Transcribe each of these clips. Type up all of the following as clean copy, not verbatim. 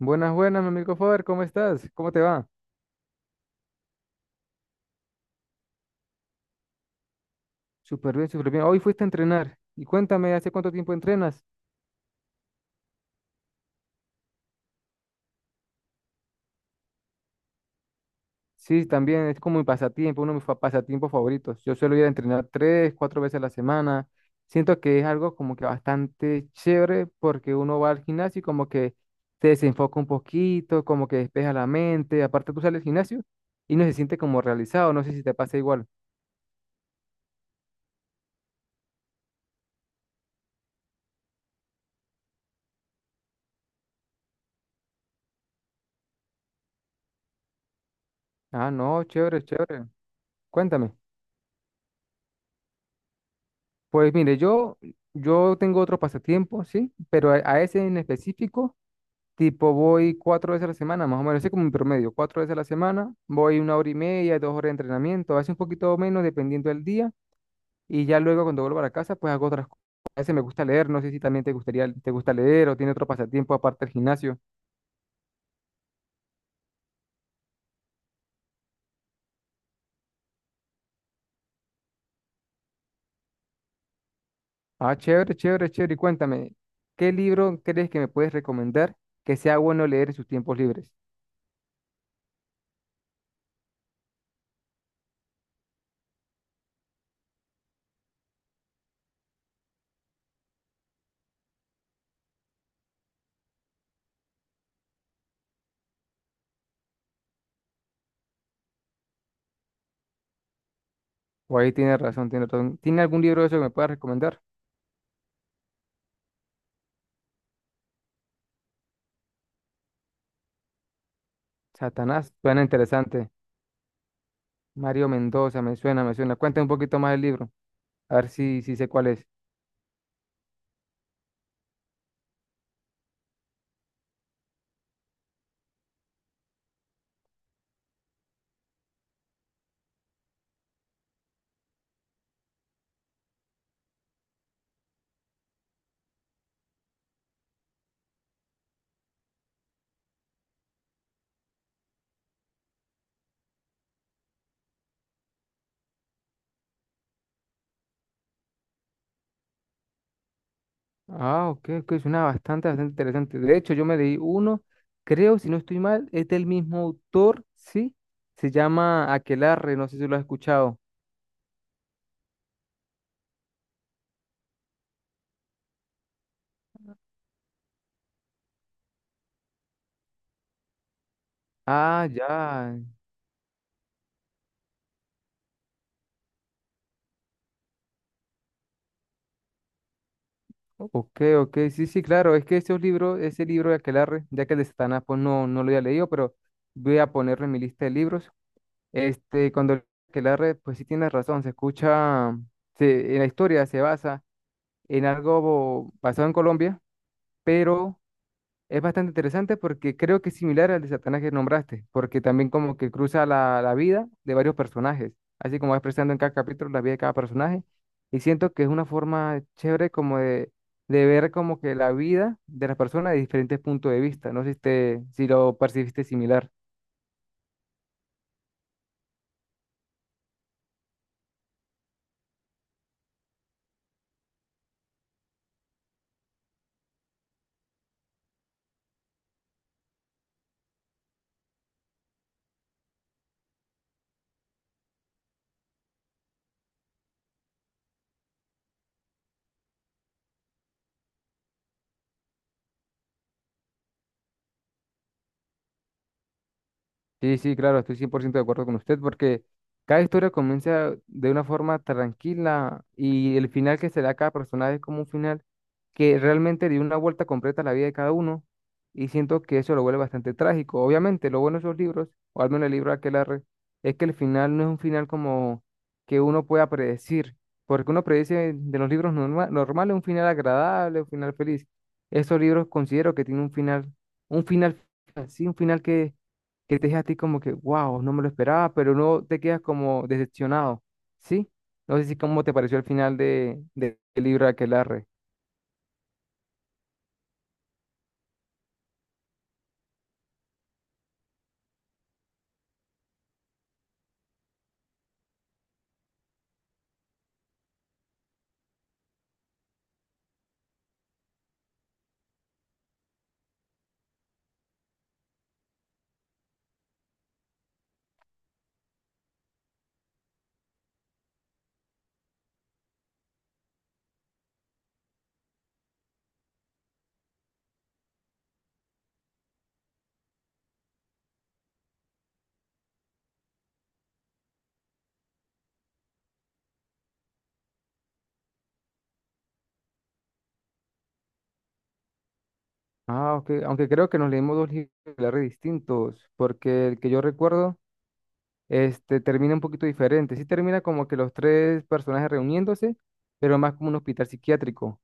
Buenas, buenas, mi amigo Faber, ¿cómo estás? ¿Cómo te va? Súper bien, súper bien. Hoy fuiste a entrenar. Y cuéntame, ¿hace cuánto tiempo entrenas? Sí, también es como mi pasatiempo, uno de mis pasatiempos favoritos. Yo suelo ir a entrenar tres, cuatro veces a la semana. Siento que es algo como que bastante chévere porque uno va al gimnasio y como que se desenfoca un poquito, como que despeja la mente. Aparte, tú sales al gimnasio y no se siente como realizado. No sé si te pasa igual. Ah, no, chévere, chévere. Cuéntame. Pues mire, yo tengo otro pasatiempo, sí, pero a ese en específico, tipo voy cuatro veces a la semana, más o menos, así como mi promedio, cuatro veces a la semana, voy 1 hora y media, 2 horas de entrenamiento, a veces un poquito menos dependiendo del día, y ya luego cuando vuelvo a la casa, pues hago otras cosas. A veces me gusta leer, no sé si también te gustaría, te gusta leer o tiene otro pasatiempo aparte del gimnasio. Ah, chévere, chévere, chévere, y cuéntame, ¿qué libro crees que me puedes recomendar que sea bueno leer en sus tiempos libres? O ahí tiene razón, tiene razón. ¿Tiene algún libro de eso que me puedas recomendar? Satanás, suena interesante. Mario Mendoza, me suena, me suena. Cuéntame un poquito más del libro, a ver si, si sé cuál es. Ah, ok, ok, suena bastante, bastante interesante. De hecho, yo me leí uno, creo, si no estoy mal, es del mismo autor, ¿sí? Se llama Aquelarre, no sé si lo has escuchado. Ah, ya. Ok, ok, sí, sí, claro, es que esos libros, ese libro de Aquelarre, ya que el de Satanás, pues no, no lo había leído, pero voy a ponerlo en mi lista de libros. Este, cuando que la red, pues sí tiene razón, se escucha, en la historia se basa en algo basado en Colombia, pero es bastante interesante porque creo que es similar al de Satanás que nombraste, porque también como que cruza la vida de varios personajes, así como va expresando en cada capítulo la vida de cada personaje, y siento que es una forma chévere como de, ver como que la vida de las personas de diferentes puntos de vista, no sé si, si lo percibiste similar. Sí, sí, claro, estoy 100% de acuerdo con usted porque cada historia comienza de una forma tranquila y el final que se da a cada personaje es como un final que realmente dio una vuelta completa a la vida de cada uno y siento que eso lo vuelve bastante trágico. Obviamente, lo bueno de esos libros, o al menos el libro de Aquelarre, es que el final no es un final como que uno pueda predecir, porque uno predece de los libros normales un final agradable, un final feliz. Esos libros considero que tienen un final así, un final que te deja a ti como que, wow, no me lo esperaba, pero no te quedas como decepcionado, ¿sí? No sé si cómo te pareció el final de, del libro de Aquelarre. Ah, ok, aunque creo que nos leímos dos libros de Aquelarre distintos, porque el que yo recuerdo, este, termina un poquito diferente. Sí termina como que los tres personajes reuniéndose, pero más como un hospital psiquiátrico.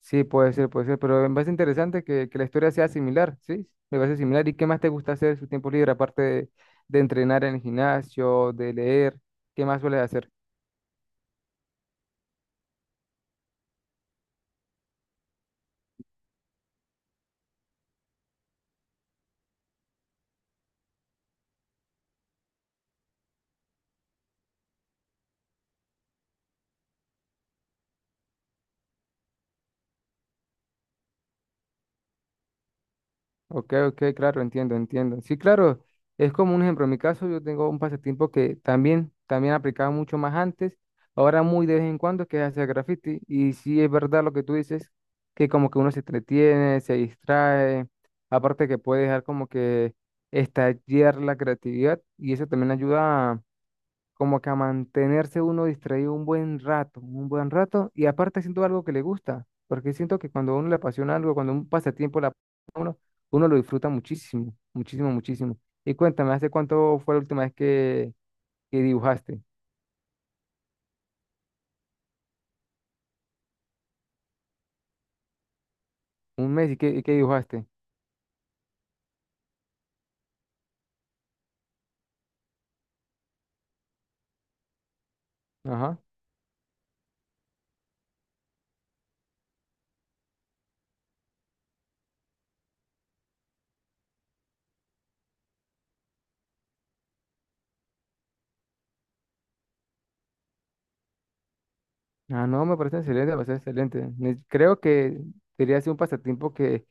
Sí, puede ser, pero me parece interesante que la historia sea similar, ¿sí? Me parece similar. ¿Y qué más te gusta hacer en su tiempo libre, aparte de, entrenar en el gimnasio, de leer? ¿Qué más sueles hacer? Ok, ok, claro, entiendo, entiendo. Sí, claro, es como un ejemplo. En mi caso, yo tengo un pasatiempo que también, también aplicaba mucho más antes, ahora muy de vez en cuando, que es hacer graffiti. Y sí es verdad lo que tú dices, que como que uno se entretiene, se distrae, aparte que puede dejar como que estallar la creatividad y eso también ayuda como que a mantenerse uno distraído un buen rato, y aparte haciendo algo que le gusta, porque siento que cuando a uno le apasiona algo, cuando un pasatiempo le uno lo disfruta muchísimo, muchísimo, muchísimo. Y cuéntame, ¿hace cuánto fue la última vez que, dibujaste? ¿Un mes? Y qué dibujaste? Ajá. Ah, no, me parece excelente, me parece excelente. Creo que debería ser un pasatiempo que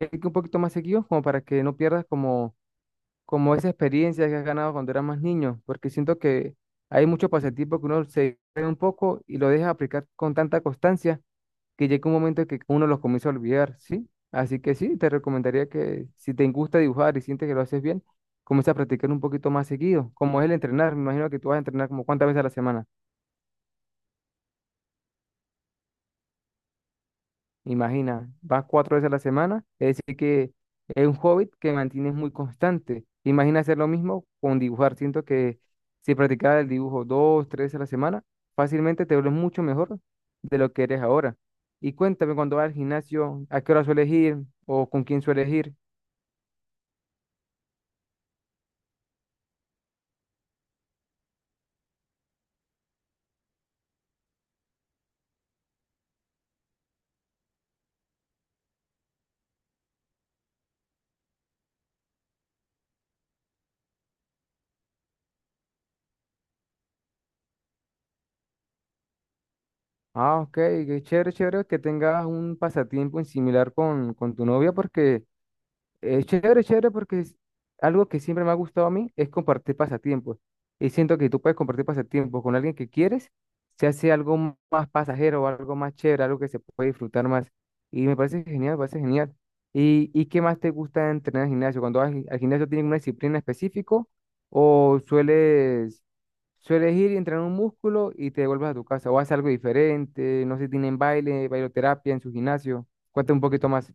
que un poquito más seguido, como para que no pierdas como esa experiencia que has ganado cuando eras más niño, porque siento que hay muchos pasatiempos que uno se cree un poco y lo deja aplicar con tanta constancia que llega un momento que uno los comienza a olvidar, ¿sí? Así que sí, te recomendaría que si te gusta dibujar y sientes que lo haces bien, comienza a practicar un poquito más seguido, como es el entrenar. Me imagino que tú vas a entrenar como cuántas veces a la semana. Imagina, vas cuatro veces a la semana, es decir que es un hobby que mantienes muy constante. Imagina hacer lo mismo con dibujar. Siento que si practicara el dibujo dos, tres veces a la semana, fácilmente te vuelves mucho mejor de lo que eres ahora. Y cuéntame, cuando vas al gimnasio, ¿a qué hora sueles ir o con quién sueles ir? Ah, ok, qué chévere, chévere que tengas un pasatiempo en similar con, tu novia, porque es chévere, chévere porque es algo que siempre me ha gustado a mí es compartir pasatiempos. Y siento que tú puedes compartir pasatiempos con alguien que quieres, se hace algo más pasajero, algo más chévere, algo que se puede disfrutar más. Y me parece genial, me parece genial. Y qué más te gusta entrenar al gimnasio? Cuando vas al gimnasio tienes una disciplina específica o sueles ir y entrenar un músculo y te devuelves a tu casa o haces algo diferente, no sé, tienen baile, bailoterapia en su gimnasio. Cuéntame un poquito más.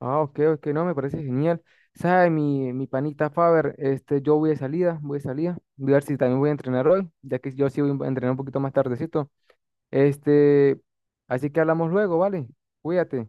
Ah, ok, ok, no, me parece genial. ¿Sabe, mi panita Faber? Este, yo voy de salida, voy de salida. Voy a ver si también voy a entrenar hoy, ya que yo sí voy a entrenar un poquito más tardecito. Este, así que hablamos luego, ¿vale? Cuídate.